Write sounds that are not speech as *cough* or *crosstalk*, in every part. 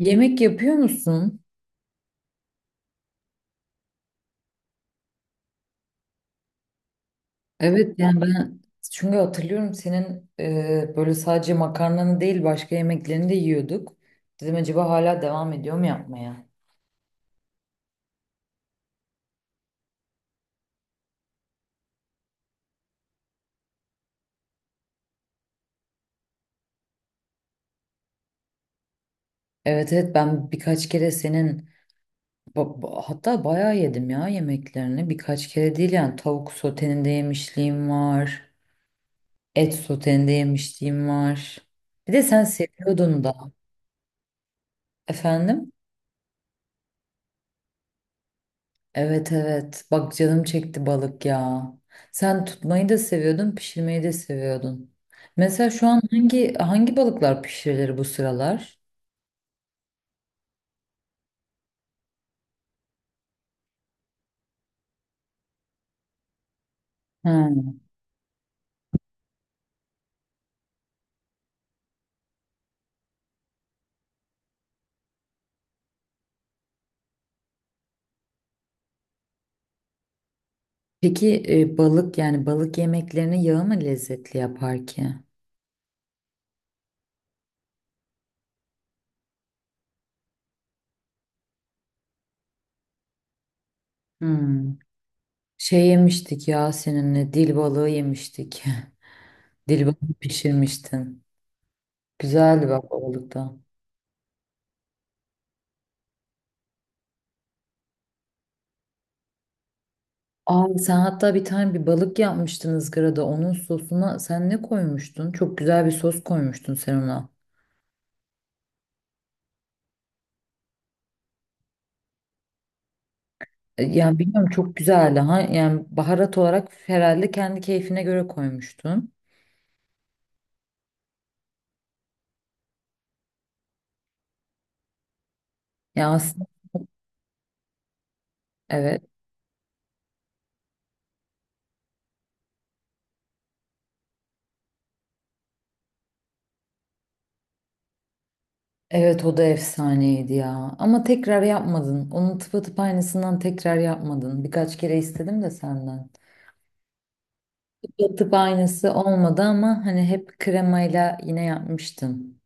Yemek yapıyor musun? Evet yani ben çünkü hatırlıyorum senin böyle sadece makarnanı değil başka yemeklerini de yiyorduk. Dedim acaba hala devam ediyor mu yapmaya? Evet evet ben birkaç kere senin hatta bayağı yedim ya yemeklerini. Birkaç kere değil yani tavuk soteninde yemişliğim var. Et soteninde yemişliğim var. Bir de sen seviyordun da. Efendim? Evet evet. Bak canım çekti balık ya. Sen tutmayı da seviyordun, pişirmeyi de seviyordun. Mesela şu an hangi balıklar pişirilir bu sıralar? Ha. Peki balık yani balık yemeklerini yağı mı lezzetli yapar ki? Hmm. Şey yemiştik ya seninle dil balığı yemiştik. *laughs* Dil balığı pişirmiştin. Güzeldi bak o balık da. Aa, sen hatta bir tane bir balık yapmıştın ızgarada. Onun sosuna sen ne koymuştun? Çok güzel bir sos koymuştun sen ona. Yani bilmiyorum çok güzeldi. Ha, yani baharat olarak herhalde kendi keyfine göre koymuştun. Ya aslında evet. Evet o da efsaneydi ya. Ama tekrar yapmadın. Onun tıpatıp aynısından tekrar yapmadın. Birkaç kere istedim de senden. Tıpatıp aynısı olmadı ama hani hep kremayla yine yapmıştın.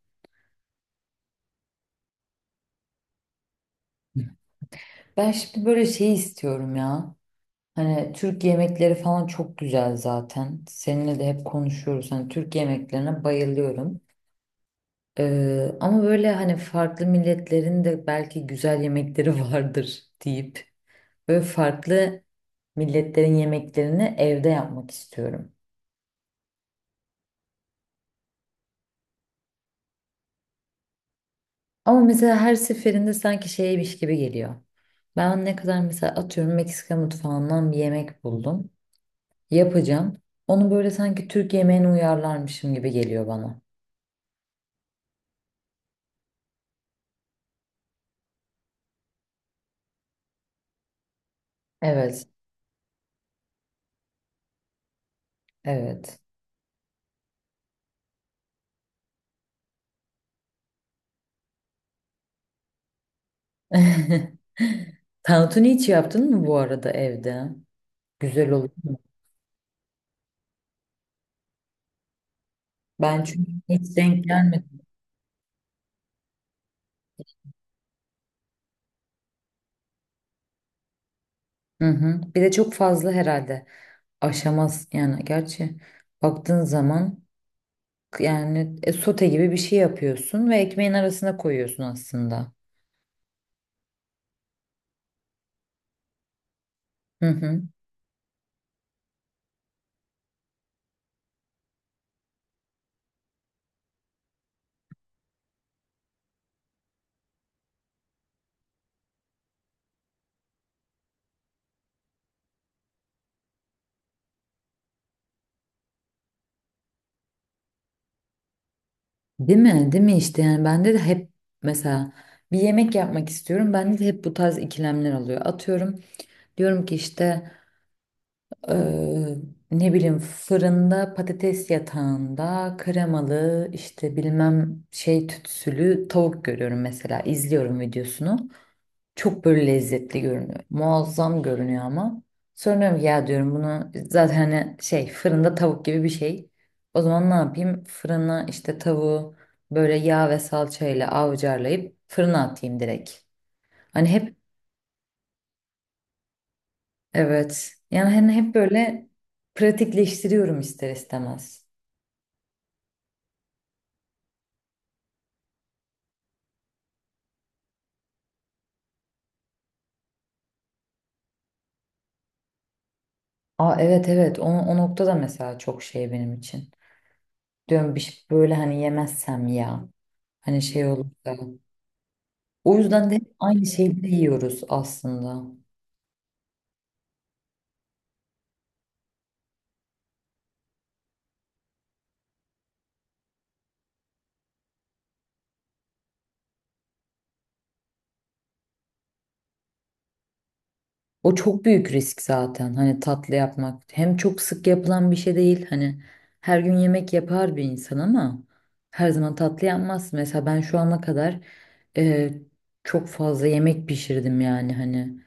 Ben şimdi böyle şey istiyorum ya. Hani Türk yemekleri falan çok güzel zaten. Seninle de hep konuşuyoruz. Hani Türk yemeklerine bayılıyorum. Ama böyle hani farklı milletlerin de belki güzel yemekleri *laughs* vardır deyip böyle farklı milletlerin yemeklerini evde yapmak istiyorum. Ama mesela her seferinde sanki şeymiş gibi geliyor. Ben ne kadar mesela atıyorum Meksika mutfağından bir yemek buldum. Yapacağım. Onu böyle sanki Türk yemeğine uyarlarmışım gibi geliyor bana. Evet, evet. *laughs* Tantuni hiç yaptın mı bu arada evde? Güzel olur. Ben çünkü hiç denk gelmedim. Hı hı. Bir de çok fazla herhalde aşamaz yani gerçi baktığın zaman yani sote gibi bir şey yapıyorsun ve ekmeğin arasına koyuyorsun aslında. Hı hı. Değil mi? Değil mi işte yani bende de hep mesela bir yemek yapmak istiyorum. Bende de hep bu tarz ikilemler alıyor. Atıyorum diyorum ki işte Eee, ne bileyim fırında patates yatağında kremalı işte bilmem şey tütsülü tavuk görüyorum mesela izliyorum videosunu. Çok böyle lezzetli görünüyor. Muazzam görünüyor ama. Sonra diyorum ki, ya diyorum bunu zaten hani şey fırında tavuk gibi bir şey. O zaman ne yapayım? Fırına işte tavuğu böyle yağ ve salçayla avcarlayıp fırına atayım direkt. Hani hep evet yani hani hep böyle pratikleştiriyorum ister istemez. Aa, evet evet o nokta da mesela çok şey benim için. Diyorum bir şey böyle hani yemezsem ya. Hani şey olur da. O yüzden de hep aynı şeyleri yiyoruz aslında. O çok büyük risk zaten. Hani tatlı yapmak. Hem çok sık yapılan bir şey değil. Hani her gün yemek yapar bir insan ama her zaman tatlı yapmaz. Mesela ben şu ana kadar e, çok fazla yemek pişirdim yani hani.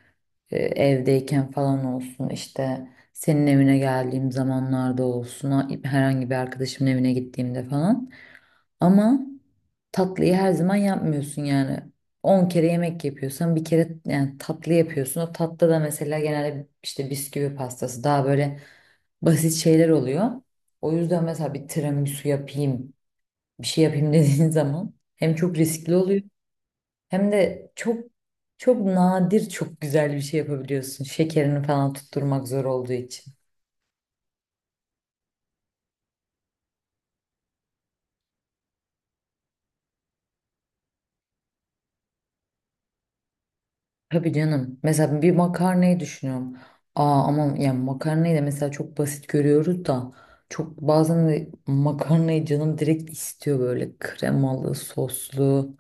E evdeyken falan olsun işte senin evine geldiğim zamanlarda olsun herhangi bir arkadaşımın evine gittiğimde falan ama tatlıyı her zaman yapmıyorsun yani. 10 kere yemek yapıyorsan bir kere yani tatlı yapıyorsun. O tatlı da mesela genelde işte bisküvi pastası daha böyle basit şeyler oluyor. O yüzden mesela bir tiramisu yapayım bir şey yapayım *laughs* dediğin zaman hem çok riskli oluyor hem de çok nadir çok güzel bir şey yapabiliyorsun. Şekerini falan tutturmak zor olduğu için. Tabii canım. Mesela bir makarnayı düşünüyorum. Aa ama yani makarnayı da mesela çok basit görüyoruz da çok bazen de makarnayı canım direkt istiyor böyle kremalı, soslu.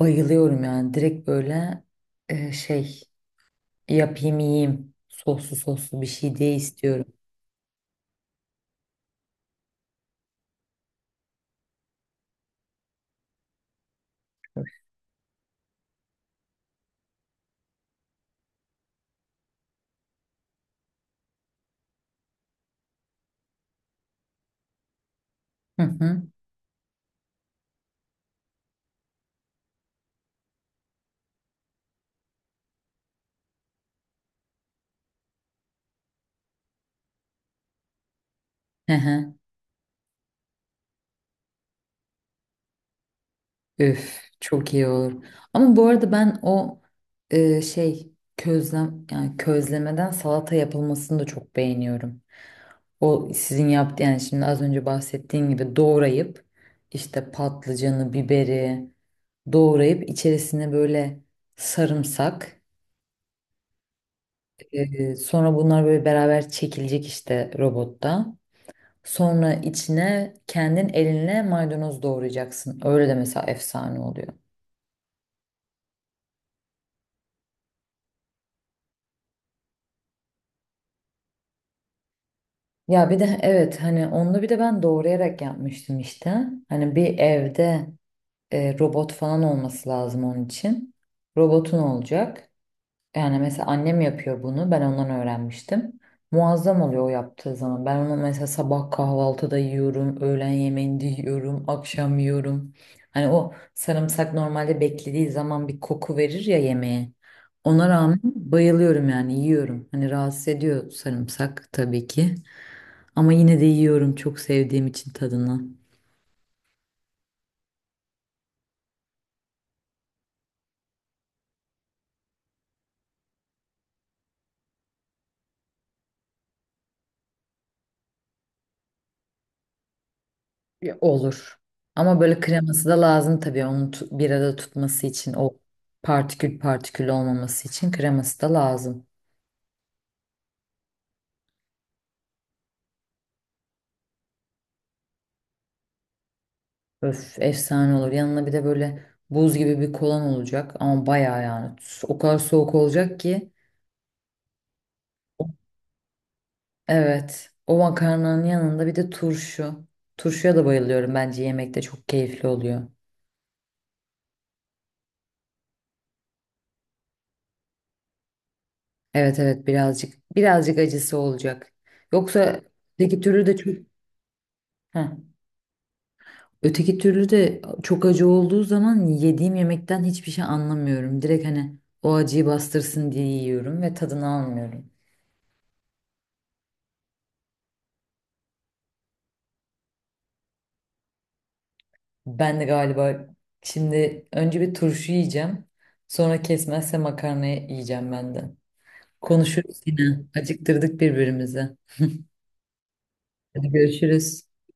Bayılıyorum yani direkt böyle şey yapayım yiyeyim. Soslu bir şey diye istiyorum. Hı hı. Hı hı. Üf, çok iyi olur. Ama bu arada ben şey közlem yani közlemeden salata yapılmasını da çok beğeniyorum. O sizin yaptığınız yani şimdi az önce bahsettiğin gibi doğrayıp işte patlıcanı, biberi doğrayıp içerisine böyle sarımsak, sonra bunlar böyle beraber çekilecek işte robotta. Sonra içine kendin elinle maydanoz doğrayacaksın. Öyle de mesela efsane oluyor. Ya bir de evet hani onu bir de ben doğrayarak yapmıştım işte. Hani bir evde robot falan olması lazım onun için. Robotun olacak. Yani mesela annem yapıyor bunu. Ben ondan öğrenmiştim. Muazzam oluyor o yaptığı zaman. Ben onu mesela sabah kahvaltıda yiyorum, öğlen yemeğinde yiyorum, akşam yiyorum. Hani o sarımsak normalde beklediği zaman bir koku verir ya yemeğe. Ona rağmen bayılıyorum yani yiyorum. Hani rahatsız ediyor sarımsak tabii ki. Ama yine de yiyorum çok sevdiğim için tadını. Ya, olur. Ama böyle kreması da lazım tabii onu bir arada tutması için, o partikül partikül olmaması için kreması da lazım. Öf efsane olur. Yanına bir de böyle buz gibi bir kolan olacak ama bayağı yani o kadar soğuk olacak ki. Evet o makarnanın yanında bir de turşu. Turşuya da bayılıyorum, bence yemekte çok keyifli oluyor. Evet evet birazcık acısı olacak. Yoksa öteki türlü de çok. Heh. Öteki türlü de çok acı olduğu zaman yediğim yemekten hiçbir şey anlamıyorum. Direkt hani o acıyı bastırsın diye yiyorum ve tadını almıyorum. Ben de galiba şimdi önce bir turşu yiyeceğim. Sonra kesmezse makarna yiyeceğim ben de. Konuşuruz yine. Acıktırdık birbirimizi. Hadi görüşürüz.